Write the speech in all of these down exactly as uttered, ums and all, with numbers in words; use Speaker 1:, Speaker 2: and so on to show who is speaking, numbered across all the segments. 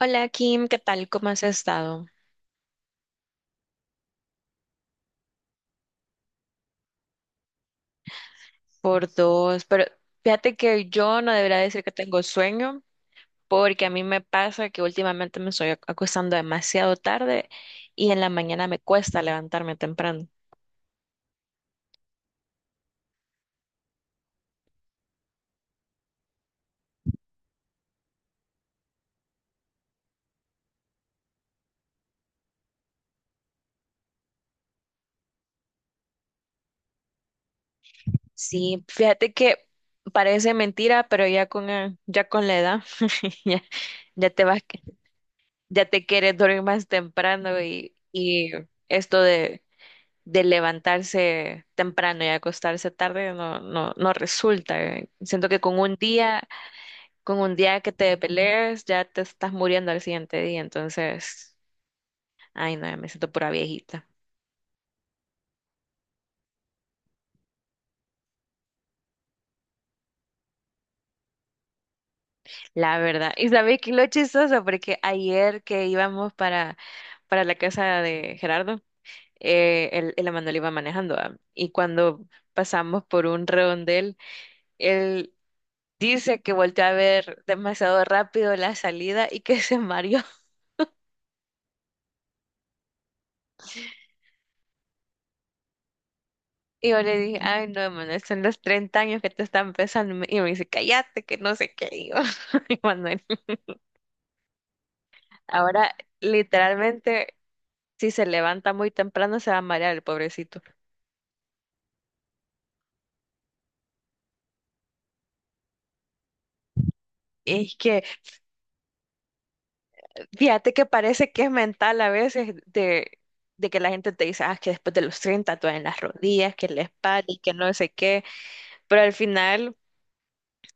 Speaker 1: Hola Kim, ¿qué tal? ¿Cómo has estado? Por dos, pero fíjate que yo no debería decir que tengo sueño, porque a mí me pasa que últimamente me estoy ac- acostando demasiado tarde y en la mañana me cuesta levantarme temprano. Sí, fíjate que parece mentira, pero ya con, eh, ya con la edad ya, ya te vas, ya te quieres dormir más temprano y, y esto de de levantarse temprano y acostarse tarde no, no, no resulta. eh. Siento que con un día, con un día que te pelees, ya te estás muriendo al siguiente día. Entonces, ay no, ya me siento pura viejita. La verdad. Y sabes que lo chistoso, porque ayer que íbamos para, para la casa de Gerardo, eh, el, el Emanuel iba manejando, ah, y cuando pasamos por un redondel, él dice que volteó a ver demasiado rápido la salida y que se mareó. Y yo le dije: "Ay, no, Manuel, son los treinta años que te están pesando". Y me y me dice: "Cállate", que no sé qué. Y yo, "Ay, Manuel, ahora literalmente, si se levanta muy temprano, se va a marear el pobrecito". Y es que, fíjate que parece que es mental a veces de, de que la gente te dice, ah, que después de los treinta te en las rodillas, que la espalda, y que no sé qué. Pero al final,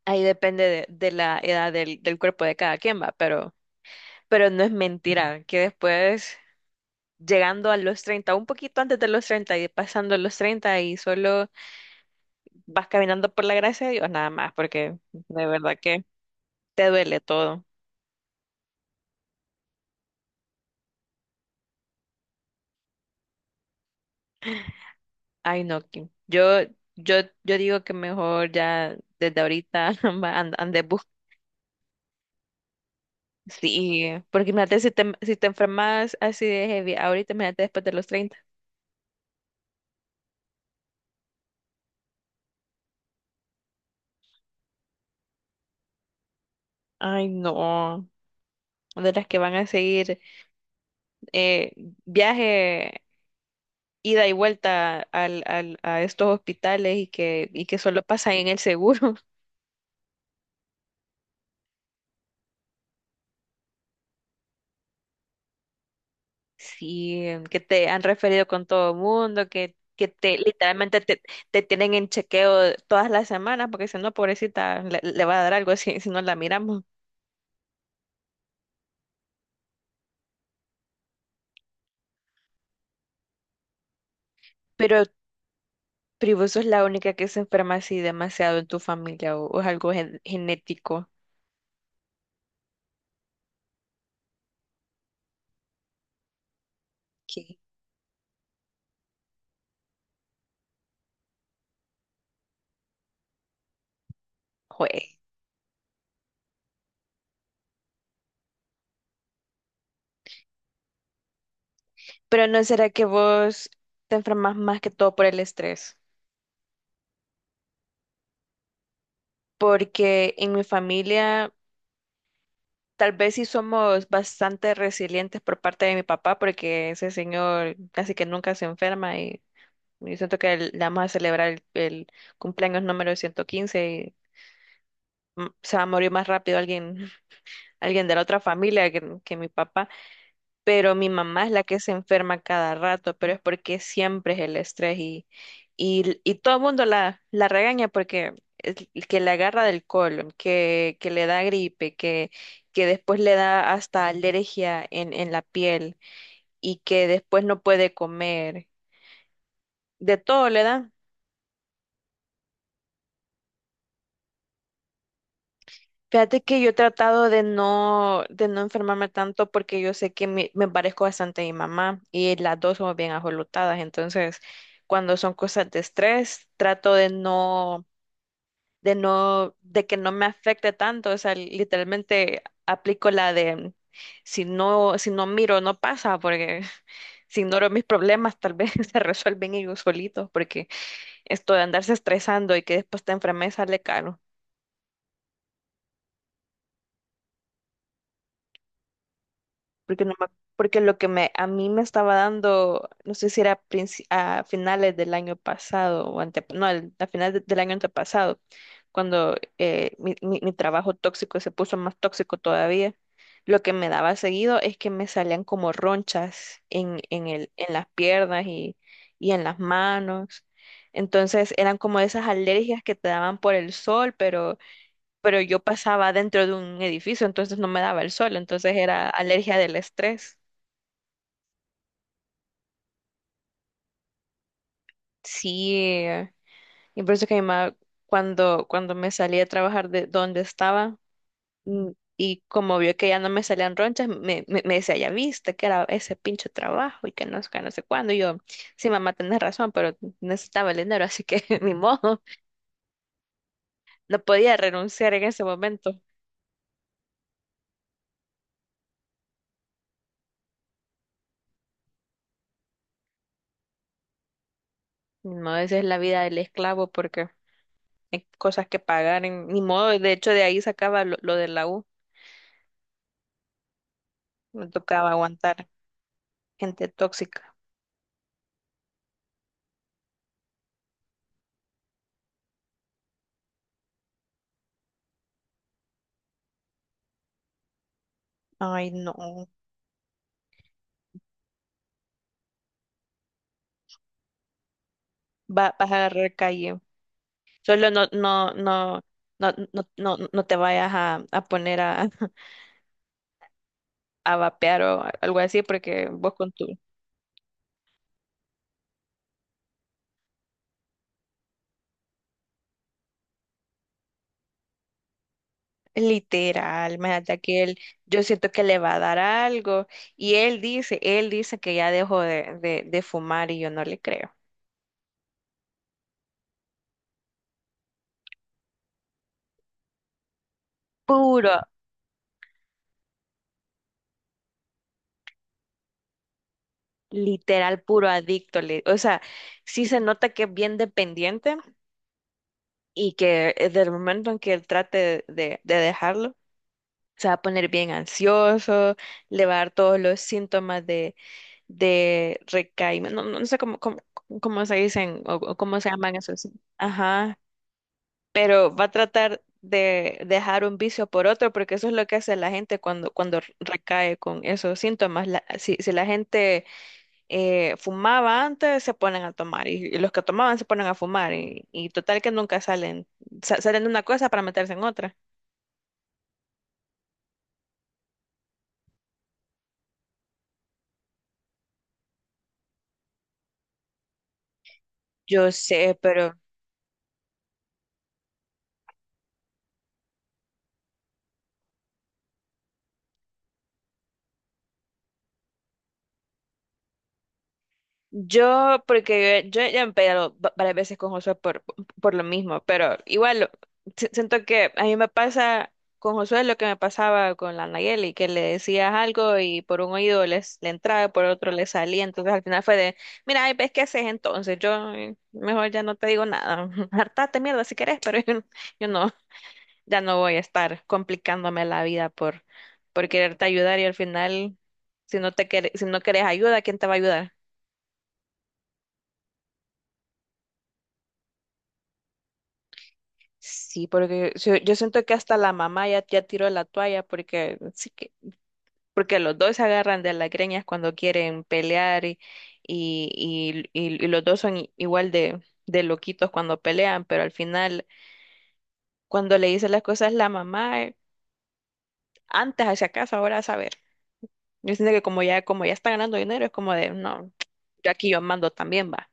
Speaker 1: ahí depende de, de la edad del, del cuerpo de cada quien, va. Pero, pero no es mentira, que después, llegando a los treinta, un poquito antes de los treinta y pasando los treinta y solo vas caminando por la gracia de Dios nada más, porque de verdad que te duele todo. Ay, no, Kim. Yo, yo, yo digo que mejor ya desde ahorita va, and- ande bus, Sí, porque imagínate si te, si te enfermas así de heavy, ahorita imagínate después de los treinta. Ay, no. De las que van a seguir eh, viaje ida y vuelta al, al- a estos hospitales y que, y que solo pasan en el seguro. Sí, em, que te han referido con todo el mundo, que, que te literalmente te, te tienen en chequeo todas las semanas, porque si no, pobrecita, le, le va a dar algo si, si no la miramos. Pero, pero vos sos la única que se enferma así demasiado en tu familia o, o es algo gen- genético. Que, jue- Pero no será que vos te enfermas más que todo por el estrés, porque en mi familia tal vez sí somos bastante resilientes por parte de mi papá, porque ese señor casi que nunca se enferma y yo siento que el- le vamos a celebrar el, el cumpleaños número ciento quince y mm, se va a morir más rápido alguien, alguien de la otra familia que, que mi papá. Pero mi mamá es la que se enferma cada rato, pero es porque siempre es el estrés y, y, y todo el mundo la, la regaña porque es el que le agarra del colon, que, que le da gripe, que, que después le da hasta alergia en, en la piel y que después no puede comer, de todo le da. Fíjate que yo he tratado de no, de no enfermarme tanto porque yo sé que me, me parezco bastante a mi mamá y las dos somos bien ajolotadas. Entonces, cuando son cosas de estrés, trato de no, de no, de que no me afecte tanto. O sea, literalmente aplico la de si no, si no miro, no pasa, porque si ignoro mis problemas, tal vez se resuelven ellos solitos, porque esto de andarse estresando y que después te enfermes sale caro. Porque no me- porque lo que me a mí me estaba dando, no sé si era princi- a finales del año pasado o ante, no, el- a finales de- del año antepasado, cuando eh, mi, mi- mi trabajo tóxico se puso más tóxico todavía. Lo que me daba seguido es que me salían como ronchas en, en el, en las piernas y, y en las manos. Entonces eran como esas alergias que te daban por el sol, pero pero yo pasaba dentro de un edificio, entonces no me daba el sol, entonces era alergia del estrés. Sí, eh, y por eso que mi mamá, cuando, cuando me salí a trabajar de donde estaba, mm, y como vio que ya no me salían ronchas, me, me, me decía, ya viste que era ese pinche trabajo y que no, sé qué, no sé cuándo. Y yo, sí, mamá, tenés razón, pero necesitaba el dinero, así que ni modo, no podía renunciar en ese momento. No, esa es la vida del esclavo, porque hay cosas que pagar, en- ni modo, de hecho de ahí sacaba lo, lo de la U, me tocaba aguantar gente tóxica. Ay, no, va, vas a agarrar calle. Solo no, no, no, no, no, no, no te vayas a, a poner a, a vapear o algo así, porque vos con tu literal, imagínate que él, yo siento que le va a dar algo, y él dice, él dice que ya dejó de, de, de fumar y yo no le creo. Puro literal, puro adicto. li- O sea, sí se nota que es bien dependiente y que eh, del momento en que él trate de, de dejarlo, se va a poner bien ansioso, le va a dar todos los síntomas de, de recaimiento. No, no sé cómo, cómo, cómo se dicen o, o cómo se llaman esos. Sí. Ajá, pero va a tratar de dejar un vicio por otro, porque eso es lo que hace la gente cuando, cuando recae con esos síntomas. La- si, si la gente eh, fumaba antes, se ponen a tomar, y, y los que tomaban se ponen a fumar, y, y total que nunca salen, sa- salen de una cosa para meterse en otra. Yo sé, pero Yo, porque yo, yo ya me he peleado va- varias veces con Josué por, por lo mismo, pero igual si- siento que a mí me pasa con Josué lo que me pasaba con la Nayeli, que le decías algo y por un oído les, le entraba, por otro le salía. Entonces al final fue de: "Mira, ay, ves qué haces entonces, yo, eh, mejor ya no te digo nada, hartate mierda si querés, pero yo, yo no, ya no voy a estar complicándome la vida por, por quererte ayudar y al final, si no te quer- si no querés ayuda, ¿quién te va a ayudar?" Sí, porque yo, yo siento que hasta la mamá ya, ya tiró la toalla porque sí que, porque los dos se agarran de las greñas cuando quieren pelear y, y, y, y- y los dos son i- igual de, de loquitos cuando pelean, pero al final cuando le dice las cosas la mamá, eh, antes hacia acaso, ahora a saber. Yo siento que como ya, como ya está ganando dinero, es como de no, yo aquí yo mando también va.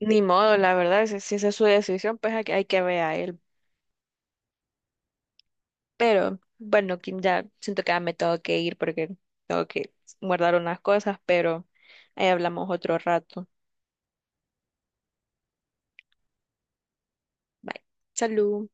Speaker 1: Ni modo, la verdad, si, si esa es su decisión, pues hay, que- hay que ver a él. Pero bueno, Kim, ya siento que ya me tengo que ir porque tengo que guardar unas cosas, pero ahí hablamos otro rato. Bye. Salud.